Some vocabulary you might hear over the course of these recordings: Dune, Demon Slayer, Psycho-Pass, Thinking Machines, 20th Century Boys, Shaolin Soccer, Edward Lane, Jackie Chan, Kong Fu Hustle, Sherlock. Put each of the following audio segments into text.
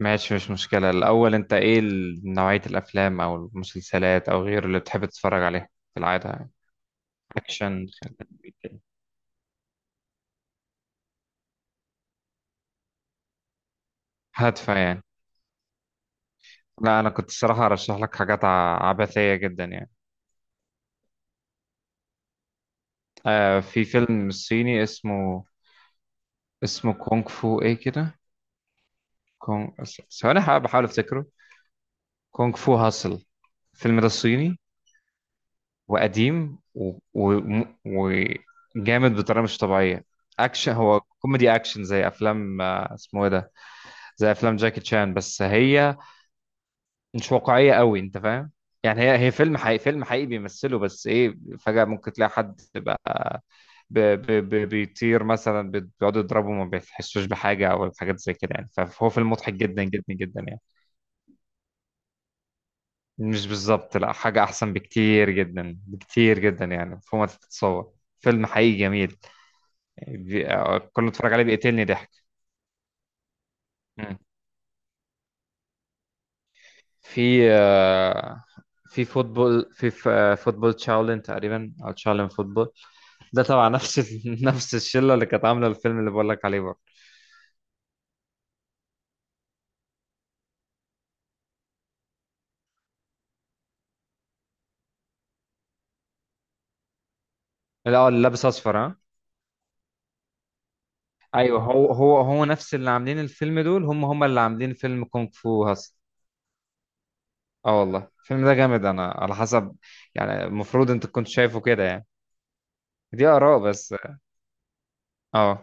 ماشي، مش مشكلة. الأول أنت إيه نوعية الأفلام أو المسلسلات أو غيره اللي بتحب تتفرج عليها في العادة يعني؟ أكشن. هادفة يعني. لا أنا كنت الصراحة أرشح لك حاجات عبثية جدا يعني. آه، في فيلم صيني اسمه. اسمه كونغ فو إيه كده. كونغ ثواني، بحاول أفتكره. كونغ فو هاسل، الفيلم ده الصيني. وقديم وجامد بطريقه مش طبيعيه. اكشن، هو كوميدي اكشن، زي افلام، اسمه ايه ده، زي افلام جاكي تشان، بس هي مش واقعيه قوي، انت فاهم. يعني هي فيلم حقيقي، فيلم حقيقي بيمثله، بس ايه، فجاه ممكن تلاقي حد بقى بيطير مثلا، بيقعدوا يضربوا ما بيحسوش بحاجه او الحاجات زي كده يعني. فهو فيلم مضحك جدا جدا جدا يعني. مش بالظبط، لا، حاجة أحسن بكتير جدا، بكتير جدا يعني، فوق ما تتصور. فيلم حقيقي جميل. كل ما اتفرج عليه بيقتلني ضحك. مم. في، في فوتبول، في فوتبول تشاولين تقريبا، أو تشاولين فوتبول. ده طبعا نفس نفس الشلة اللي كانت عاملة الفيلم اللي بقول لك عليه برضه. لا، هو اللي لابس أصفر، ها. أيوه، هو نفس اللي عاملين الفيلم دول، هم اللي عاملين فيلم كونغ فو هاس. اه والله الفيلم ده جامد، أنا على حسب يعني، المفروض أنت كنت شايفه كده يعني. دي آراء بس. اه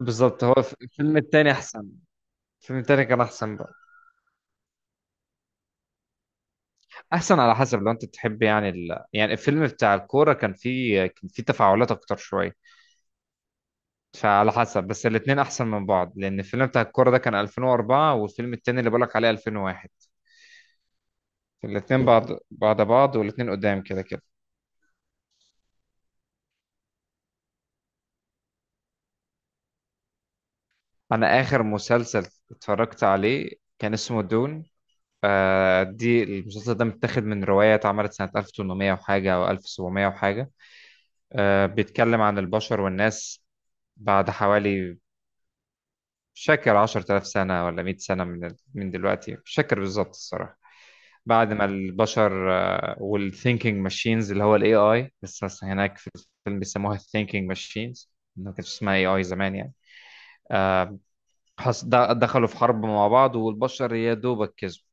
بالظبط. هو الفيلم التاني أحسن. الفيلم التاني كان أحسن بقى. أحسن على حسب، لو أنت تحب يعني يعني الفيلم بتاع الكورة، كان فيه كان فيه تفاعلات أكتر شوية. فعلى حسب، بس الاتنين أحسن من بعض، لأن الفيلم بتاع الكورة ده كان 2004، والفيلم التاني اللي بقولك عليه 2001. الاتنين بعد بعد بعض، والاتنين قدام كده كده. أنا آخر مسلسل اتفرجت عليه كان اسمه دون. آه، دي المسلسل ده متاخد من رواية اتعملت سنة 1800 وحاجة، أو 1700 وحاجة. بيتكلم عن البشر والناس بعد حوالي، مش فاكر، 10000 سنة ولا 100 سنة من دلوقتي، مش فاكر بالظبط الصراحة. بعد ما البشر، والثينكينج ماشينز اللي هو الاي اي، لسه هناك في الفيلم بيسموها الثينكينج ماشينز، ما كانش اسمها اي اي زمان يعني. آه، دخلوا في حرب مع بعض، والبشر يا دوبك كسبوا.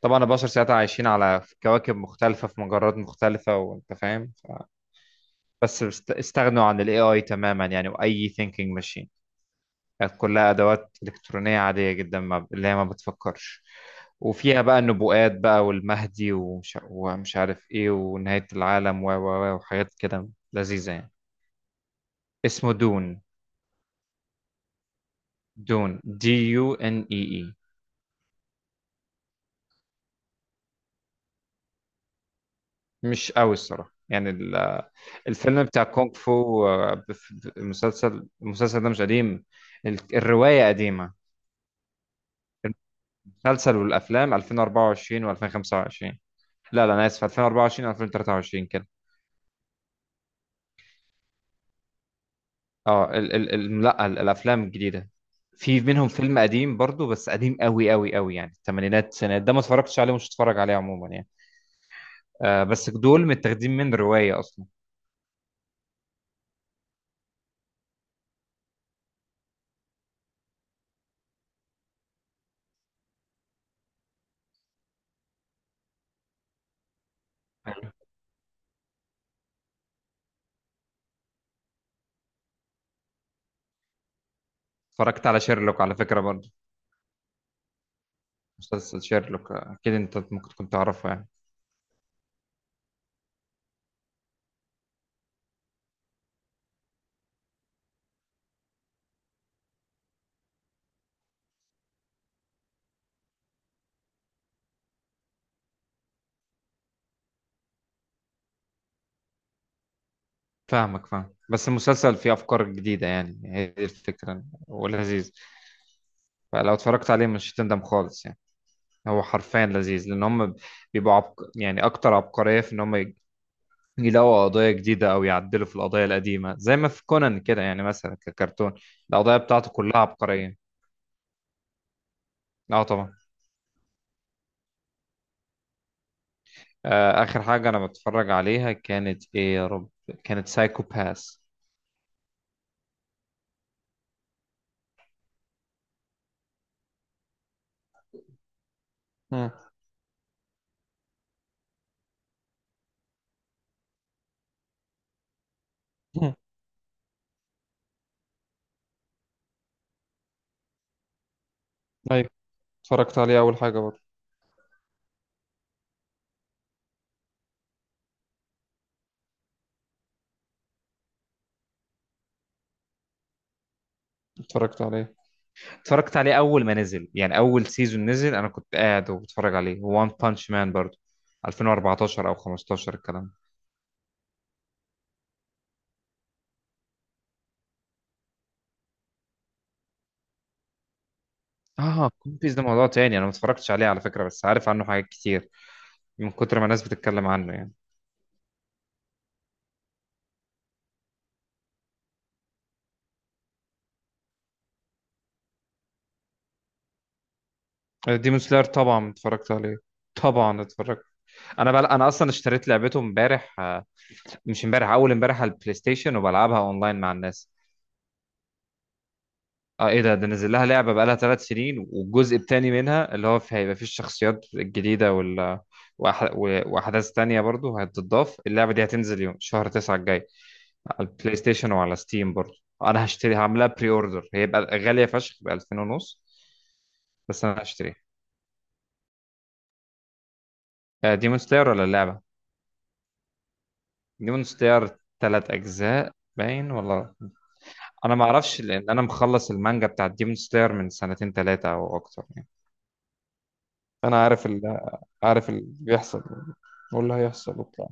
طبعا البشر ساعتها عايشين على كواكب مختلفة في مجرات مختلفة، وانت فاهم. استغنوا عن الاي اي تماما يعني، واي ثينكينج ماشين كانت كلها أدوات إلكترونية عادية جدا، ما اللي هي ما بتفكرش. وفيها بقى النبوءات بقى، والمهدي، ومش عارف إيه، ونهاية العالم، و و و وحاجات كده لذيذة يعني. اسمه دون. دون، دي يو ان اي اي. مش قوي الصراحة يعني. الفيلم بتاع كونغ فو، المسلسل، المسلسل ده مش قديم. الرواية قديمة. المسلسل والأفلام 2024 و2025. لا لا، أنا آسف، 2024 و2023 كده. اه ال ال ال لا ال- الافلام الجديده في منهم فيلم قديم برضو، بس قديم قوي قوي قوي يعني، الثمانينات السنة ده، ما اتفرجتش عليه ومش هتفرج عليه عموما يعني. آه، بس دول متاخدين من روايه اصلا. حلو. اتفرجت على شيرلوك على فكره برضو. مسلسل شيرلوك، آه، اكيد انت ممكن تكون تعرفه يعني. فاهمك، فاهم. بس المسلسل فيه افكار جديده يعني، هي دي الفكره، ولذيذ. فلو اتفرجت عليه مش هتندم خالص يعني. هو حرفيا لذيذ، لان هم بيبقوا يعني اكتر عبقريه في ان هم يلاقوا قضايا جديدة أو يعدلوا في القضايا القديمة، زي ما في كونان كده يعني، مثلا ككرتون القضايا بتاعته كلها عبقرية. اه طبعا. آه، آخر حاجة أنا بتفرج عليها كانت إيه، يا رب؟ كانت سايكو باس. مم. مم. ايوه، اتفرجت عليه اول حاجه برضه. اتفرجت عليه، اتفرجت عليه أول ما نزل، يعني أول سيزون نزل أنا كنت قاعد وبتفرج عليه، وان بانش مان برضه، 2014 أو 15 الكلام ده. اه كون بيس ده موضوع تاني، أنا ما اتفرجتش عليه على فكرة، بس عارف عنه حاجات كتير من كتر ما الناس بتتكلم عنه يعني. ديمون سلاير طبعا اتفرجت عليه، طبعا اتفرجت. انا اصلا اشتريت لعبته امبارح، آه، مش امبارح، اول امبارح، على البلاي ستيشن، وبلعبها اونلاين مع الناس. اه ايه ده، ده نزل لها لعبه بقالها ثلاث سنين، والجزء الثاني منها اللي هو في، هيبقى فيه الشخصيات الجديده وال، واحداث تانية برضو هتتضاف، اللعبه دي هتنزل يوم شهر 9 الجاي، على البلاي ستيشن وعلى ستيم برضو. انا هشتري، هعملها بري اوردر، هيبقى غاليه فشخ ب 2000 ونص، بس انا هشتريها. آه، ديمون سلاير ولا اللعبه؟ ديمون ستير تلات أجزاء باين، ولا؟ أنا ما أعرفش، لأن أنا مخلص المانجا بتاعت ديمون ستير من سنتين تلاتة أو أكتر يعني. انا عارف عارف اللي بيحصل واللي هيحصل وبتاع.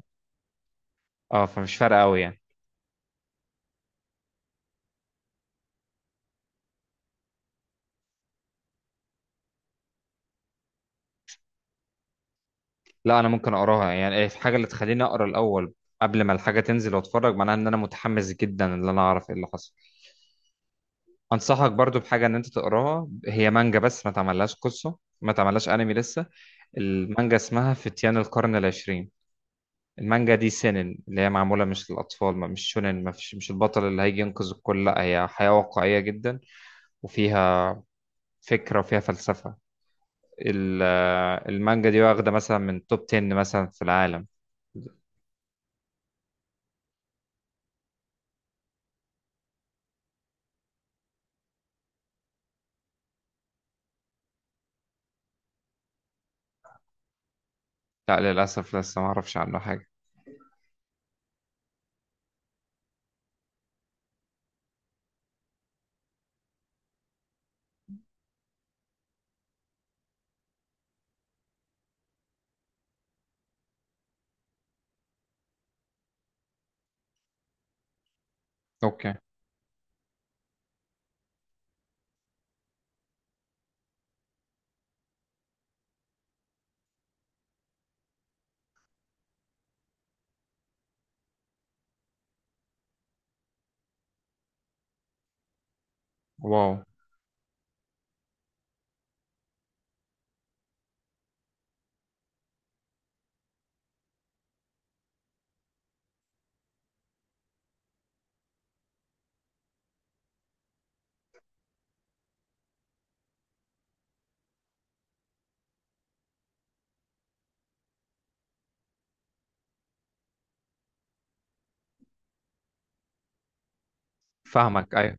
أه فمش فارقة أوي يعني. لا، أنا ممكن أقراها يعني. إيه في حاجة اللي تخليني أقرأ الأول قبل ما الحاجة تنزل وأتفرج، معناها إن أنا متحمس جدا إن أنا أعرف إيه اللي حصل. انصحك برضو بحاجه، ان انت تقراها، هي مانجا بس ما تعملهاش قصه، ما تعملهاش انمي لسه. المانجا اسمها فتيان القرن العشرين. المانجا دي سينن، اللي هي معمولة مش للأطفال، ما مش شونن، ما فيش مش البطل اللي هيجي ينقذ الكل، لا هي حياة واقعية جدا. وفيها فكرة وفيها فلسفة. ال- المانجا دي واخدة مثلا من توب 10 مثلا في العالم. لا للأسف لسه ما أعرفش عنه حاجة. أوكي. واو. فاهمك، أيوة.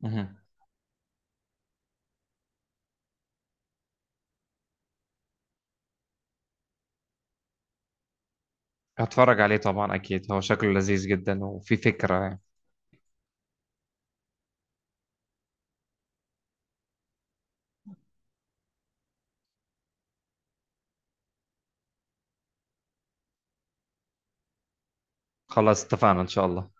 مهم. هتفرج عليه طبعا، أكيد هو شكله لذيذ جدا وفي فكرة يعني. خلاص اتفقنا إن شاء الله.